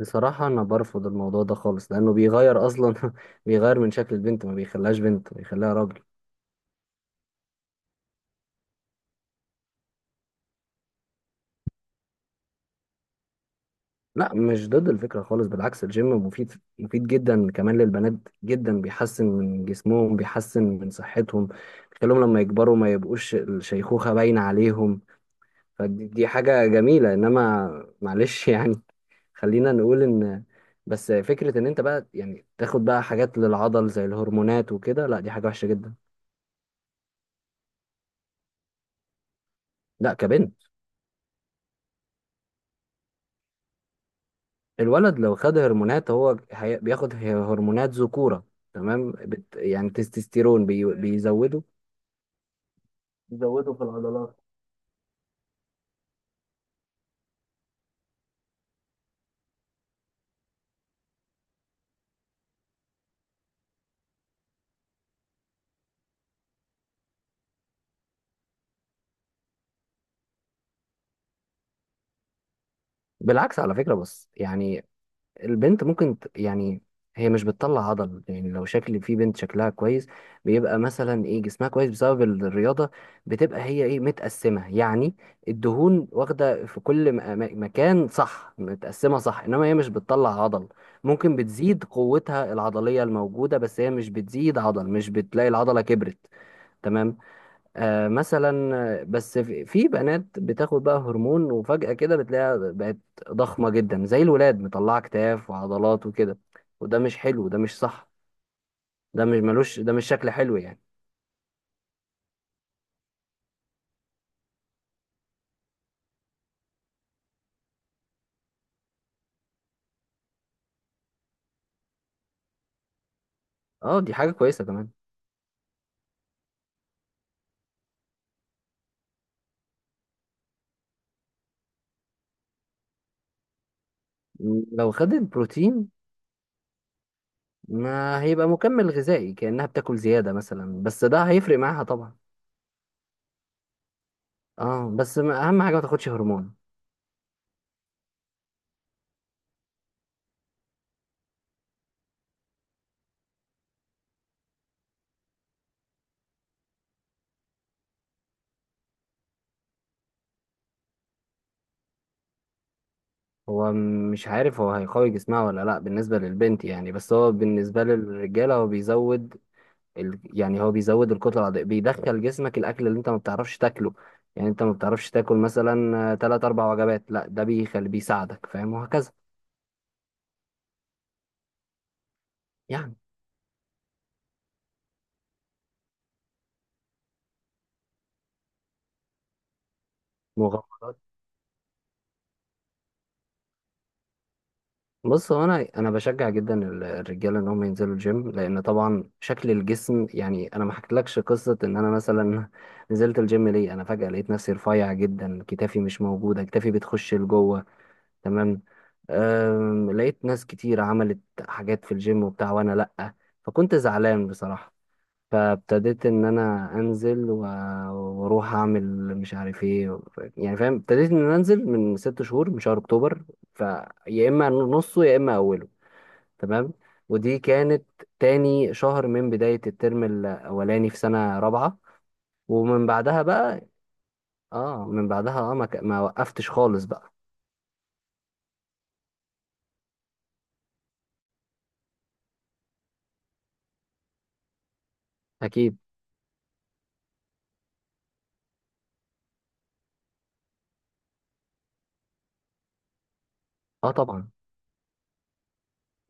بصراحة، أنا برفض الموضوع ده خالص لأنه بيغير أصلا بيغير من شكل البنت، ما بيخليهاش بنت، بيخليها راجل. لا، مش ضد الفكرة خالص، بالعكس الجيم مفيد. مفيد جدا كمان للبنات جدا، بيحسن من جسمهم، بيحسن من صحتهم، بيخليهم لما يكبروا ما يبقوش الشيخوخة باينة عليهم. فدي حاجة جميلة، إنما معلش يعني خلينا نقول إن بس فكرة إن أنت بقى يعني تاخد بقى حاجات للعضل زي الهرمونات وكده، لا دي حاجة وحشة جدا. لا، كبنت. الولد لو خد هرمونات، هو بياخد هرمونات ذكورة، تمام؟ بت يعني تستوستيرون بيزوده، يزودوا في العضلات. بالعكس على فكرة، بس يعني البنت ممكن يعني هي مش بتطلع عضل. يعني لو شكل في بنت شكلها كويس، بيبقى مثلا ايه، جسمها كويس بسبب الرياضة، بتبقى هي ايه متقسمة، يعني الدهون واخدة في كل مكان، صح؟ متقسمة، صح، انما هي مش بتطلع عضل. ممكن بتزيد قوتها العضلية الموجودة، بس هي مش بتزيد عضل، مش بتلاقي العضلة كبرت. تمام. مثلا، بس في بنات بتاخد بقى هرمون وفجأة كده بتلاقيها بقت ضخمة جدا زي الولاد، مطلعة كتاف وعضلات وكده. وده مش حلو، ده مش صح. ده مش ملوش، ده مش شكل حلو يعني. اه دي حاجة كويسة كمان. لو خدت بروتين، ما هيبقى مكمل غذائي كأنها بتاكل زيادة مثلا، بس ده هيفرق معاها طبعا. اه، بس أهم حاجة ما تاخدش هرمون. هو مش عارف هو هيقوي جسمها ولا لا، بالنسبة للبنت يعني، بس هو بالنسبة للرجالة هو بيزود يعني هو بيزود الكتلة العضلية، بيدخل جسمك الأكل اللي أنت ما بتعرفش تاكله. يعني أنت ما بتعرفش تاكل مثلا تلات أربع وجبات، لا ده بيخلي، بيساعدك، فاهم؟ وهكذا يعني. مغامرات؟ بص، هو أنا بشجع جدا الرجالة إن هم ينزلوا الجيم، لأن طبعا شكل الجسم، يعني أنا ما حكيتلكش قصة إن أنا مثلا نزلت الجيم ليه. أنا فجأة لقيت نفسي رفيع جدا، كتافي مش موجودة، كتافي بتخش لجوه، تمام. لقيت ناس كتير عملت حاجات في الجيم وبتاع، وانا لأ. فكنت زعلان بصراحة، فابتديت ان انا انزل واروح اعمل مش عارف ايه، يعني فاهم؟ ابتديت ان انا انزل من 6 شهور، من شهر اكتوبر، فيا اما نصه يا اما اوله. تمام. ودي كانت تاني شهر من بداية الترم الاولاني في سنة رابعة، ومن بعدها بقى اه، من بعدها اه ما وقفتش خالص بقى. اكيد. اه طبعا.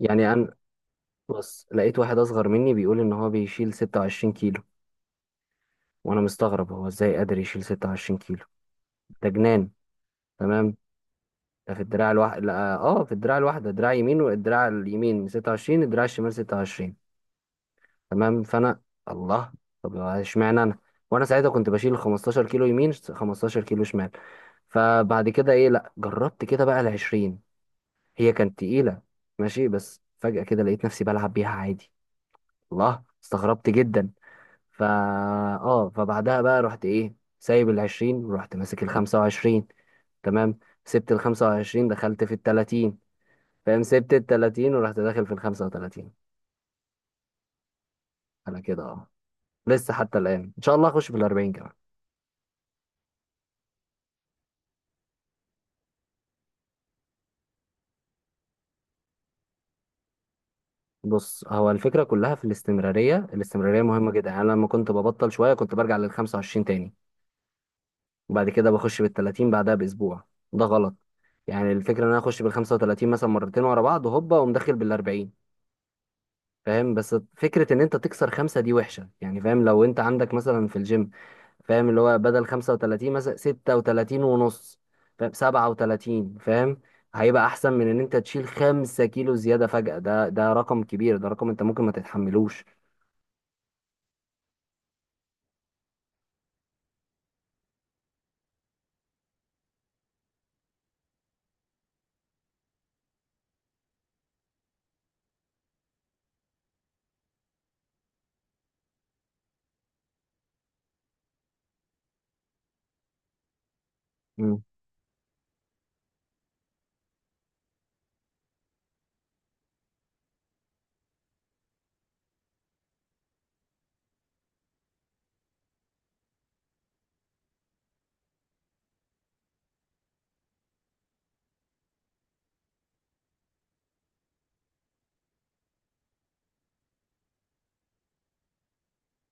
يعني بص، لقيت واحد اصغر مني بيقول ان هو بيشيل 26 كيلو، وانا مستغرب هو ازاي قادر يشيل 26 كيلو؟ ده جنان. تمام. ده في الدراع الواحد، لا اه في الدراع الواحده، دراع يمين والدراع اليمين 26، الدراع الشمال 26. تمام. فانا، الله، طب اشمعنى انا؟ وانا ساعتها كنت بشيل 15 كيلو يمين، 15 كيلو شمال. فبعد كده ايه، لا جربت كده بقى ال 20، هي كانت تقيله ماشي، بس فجأة كده لقيت نفسي بلعب بيها عادي. الله، استغربت جدا. فا، اه فبعدها بقى رحت ايه سايب العشرين ورحت ماسك الخمسة وعشرين. تمام. سبت الخمسة وعشرين، دخلت في التلاتين. فاهم؟ سبت التلاتين ورحت داخل في الخمسة وتلاتين. انا كده اه، لسه حتى الآن ان شاء الله اخش في الأربعين كمان. بص، هو الفكرة كلها في الاستمرارية. الاستمرارية مهمة جدا. يعني أنا لما كنت ببطل شوية كنت برجع للخمسة وعشرين تاني، وبعد كده بخش بالتلاتين بعدها بأسبوع. ده غلط. يعني الفكرة ان انا اخش بالخمسة وتلاتين مثلا مرتين ورا بعض وهوبا، ومدخل بالأربعين. فاهم؟ بس فكرة ان انت تكسر خمسة دي وحشة يعني. فاهم؟ لو انت عندك مثلا في الجيم، فاهم اللي هو بدل 35 مثلا 36 ونص، فاهم؟ 37، فاهم؟ هيبقى احسن من ان انت تشيل 5 كيلو زيادة فجأة، ده رقم كبير، ده رقم انت ممكن ما تتحملوش. مم.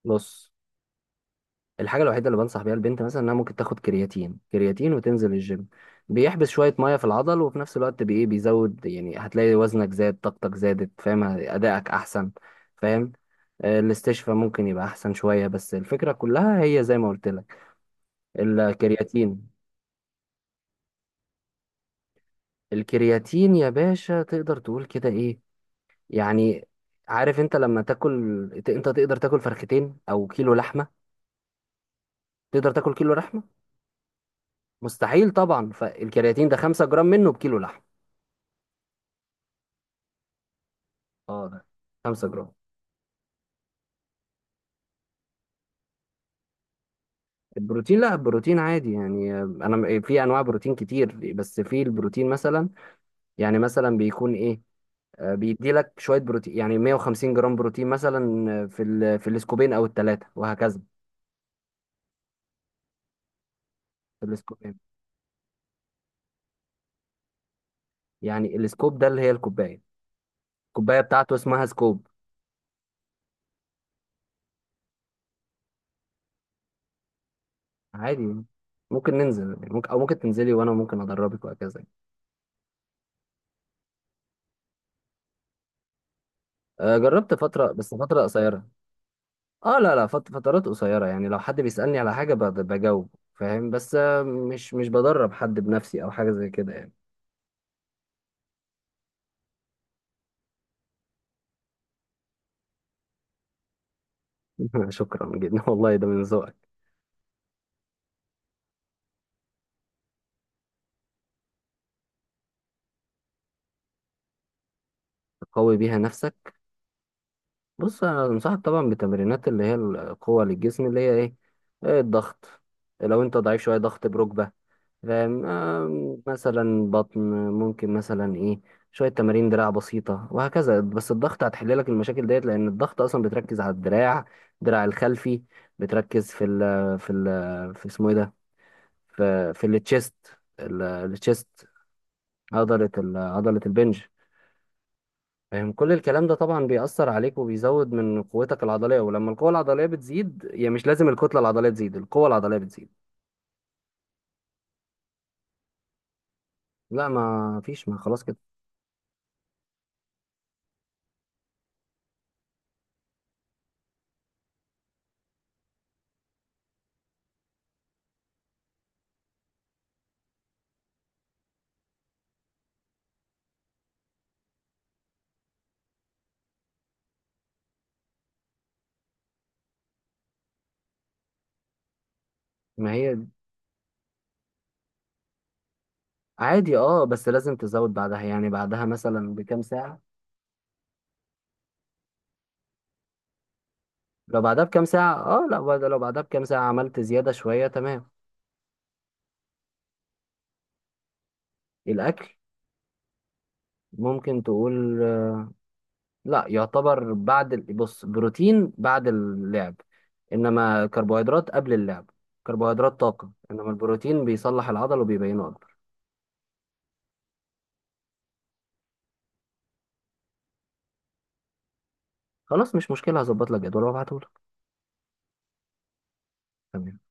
بص، الحاجه الوحيده اللي بنصح بيها البنت مثلا انها ممكن تاخد كرياتين. كرياتين وتنزل الجيم، بيحبس شويه ميه في العضل، وفي نفس الوقت بي إيه، بيزود. يعني هتلاقي وزنك زاد، طاقتك زادت، فاهم؟ ادائك احسن، فاهم؟ الاستشفاء ممكن يبقى احسن شويه، بس الفكره كلها هي زي ما قلت لك، الكرياتين. الكرياتين يا باشا تقدر تقول كده، ايه يعني، عارف انت لما تاكل انت تقدر تاكل فرختين او كيلو لحمه؟ تقدر تاكل كيلو لحمه؟ مستحيل طبعا. فالكرياتين ده 5 جرام منه بكيلو لحمه. اه، 5 جرام. البروتين لا، البروتين عادي يعني، انا في انواع بروتين كتير، بس في البروتين مثلا، يعني مثلا بيكون ايه، بيدي لك شويه بروتين، يعني 150 جرام بروتين مثلا، في في الاسكوبين او الثلاثه وهكذا. في الاسكوبين، يعني الاسكوب ده اللي هي الكوبايه، الكوبايه بتاعته اسمها سكوب. عادي يعني. ممكن ننزل يعني، ممكن، او ممكن تنزلي وانا ممكن ادربك وهكذا يعني. جربت فتره بس فتره قصيره. اه لا لا، فترات قصيرة يعني. لو حد بيسألني على حاجة بجاوب، فاهم؟ بس مش بدرب حد بنفسي او حاجة زي كده يعني. شكرا جدا والله، ده من ذوقك. قوي بيها نفسك؟ بص، انا انصحك طبعا بتمرينات اللي هي القوة للجسم، اللي هي ايه، إيه، الضغط. لو انت ضعيف شوية، ضغط بركبة، فاهم؟ مثلا بطن، ممكن مثلا ايه، شوية تمارين دراع بسيطة وهكذا. بس الضغط هتحل لك المشاكل ديت، لأن الضغط أصلا بتركز على الدراع، الدراع الخلفي، بتركز في اسمه ايه ده، في التشيست، التشيست. عضلة البنج، فاهم؟ كل الكلام ده طبعا بيأثر عليك وبيزود من قوتك العضلية، ولما القوة العضلية بتزيد، يعني مش لازم الكتلة العضلية تزيد، القوة العضلية بتزيد. لا ما فيش، ما خلاص كده. ما هي عادي اه، بس لازم تزود بعدها، يعني بعدها مثلا بكام ساعة. لو بعدها بكام ساعة اه لا، لو بعدها بكام ساعة عملت زيادة شوية، تمام. الأكل ممكن تقول لا، يعتبر بعد بص، بروتين بعد اللعب، إنما كربوهيدرات قبل اللعب. كربوهيدرات طاقة، إنما البروتين بيصلح العضل وبيبينه أكبر. خلاص مش مشكلة، هظبط لك جدول وابعتهولك. تمام.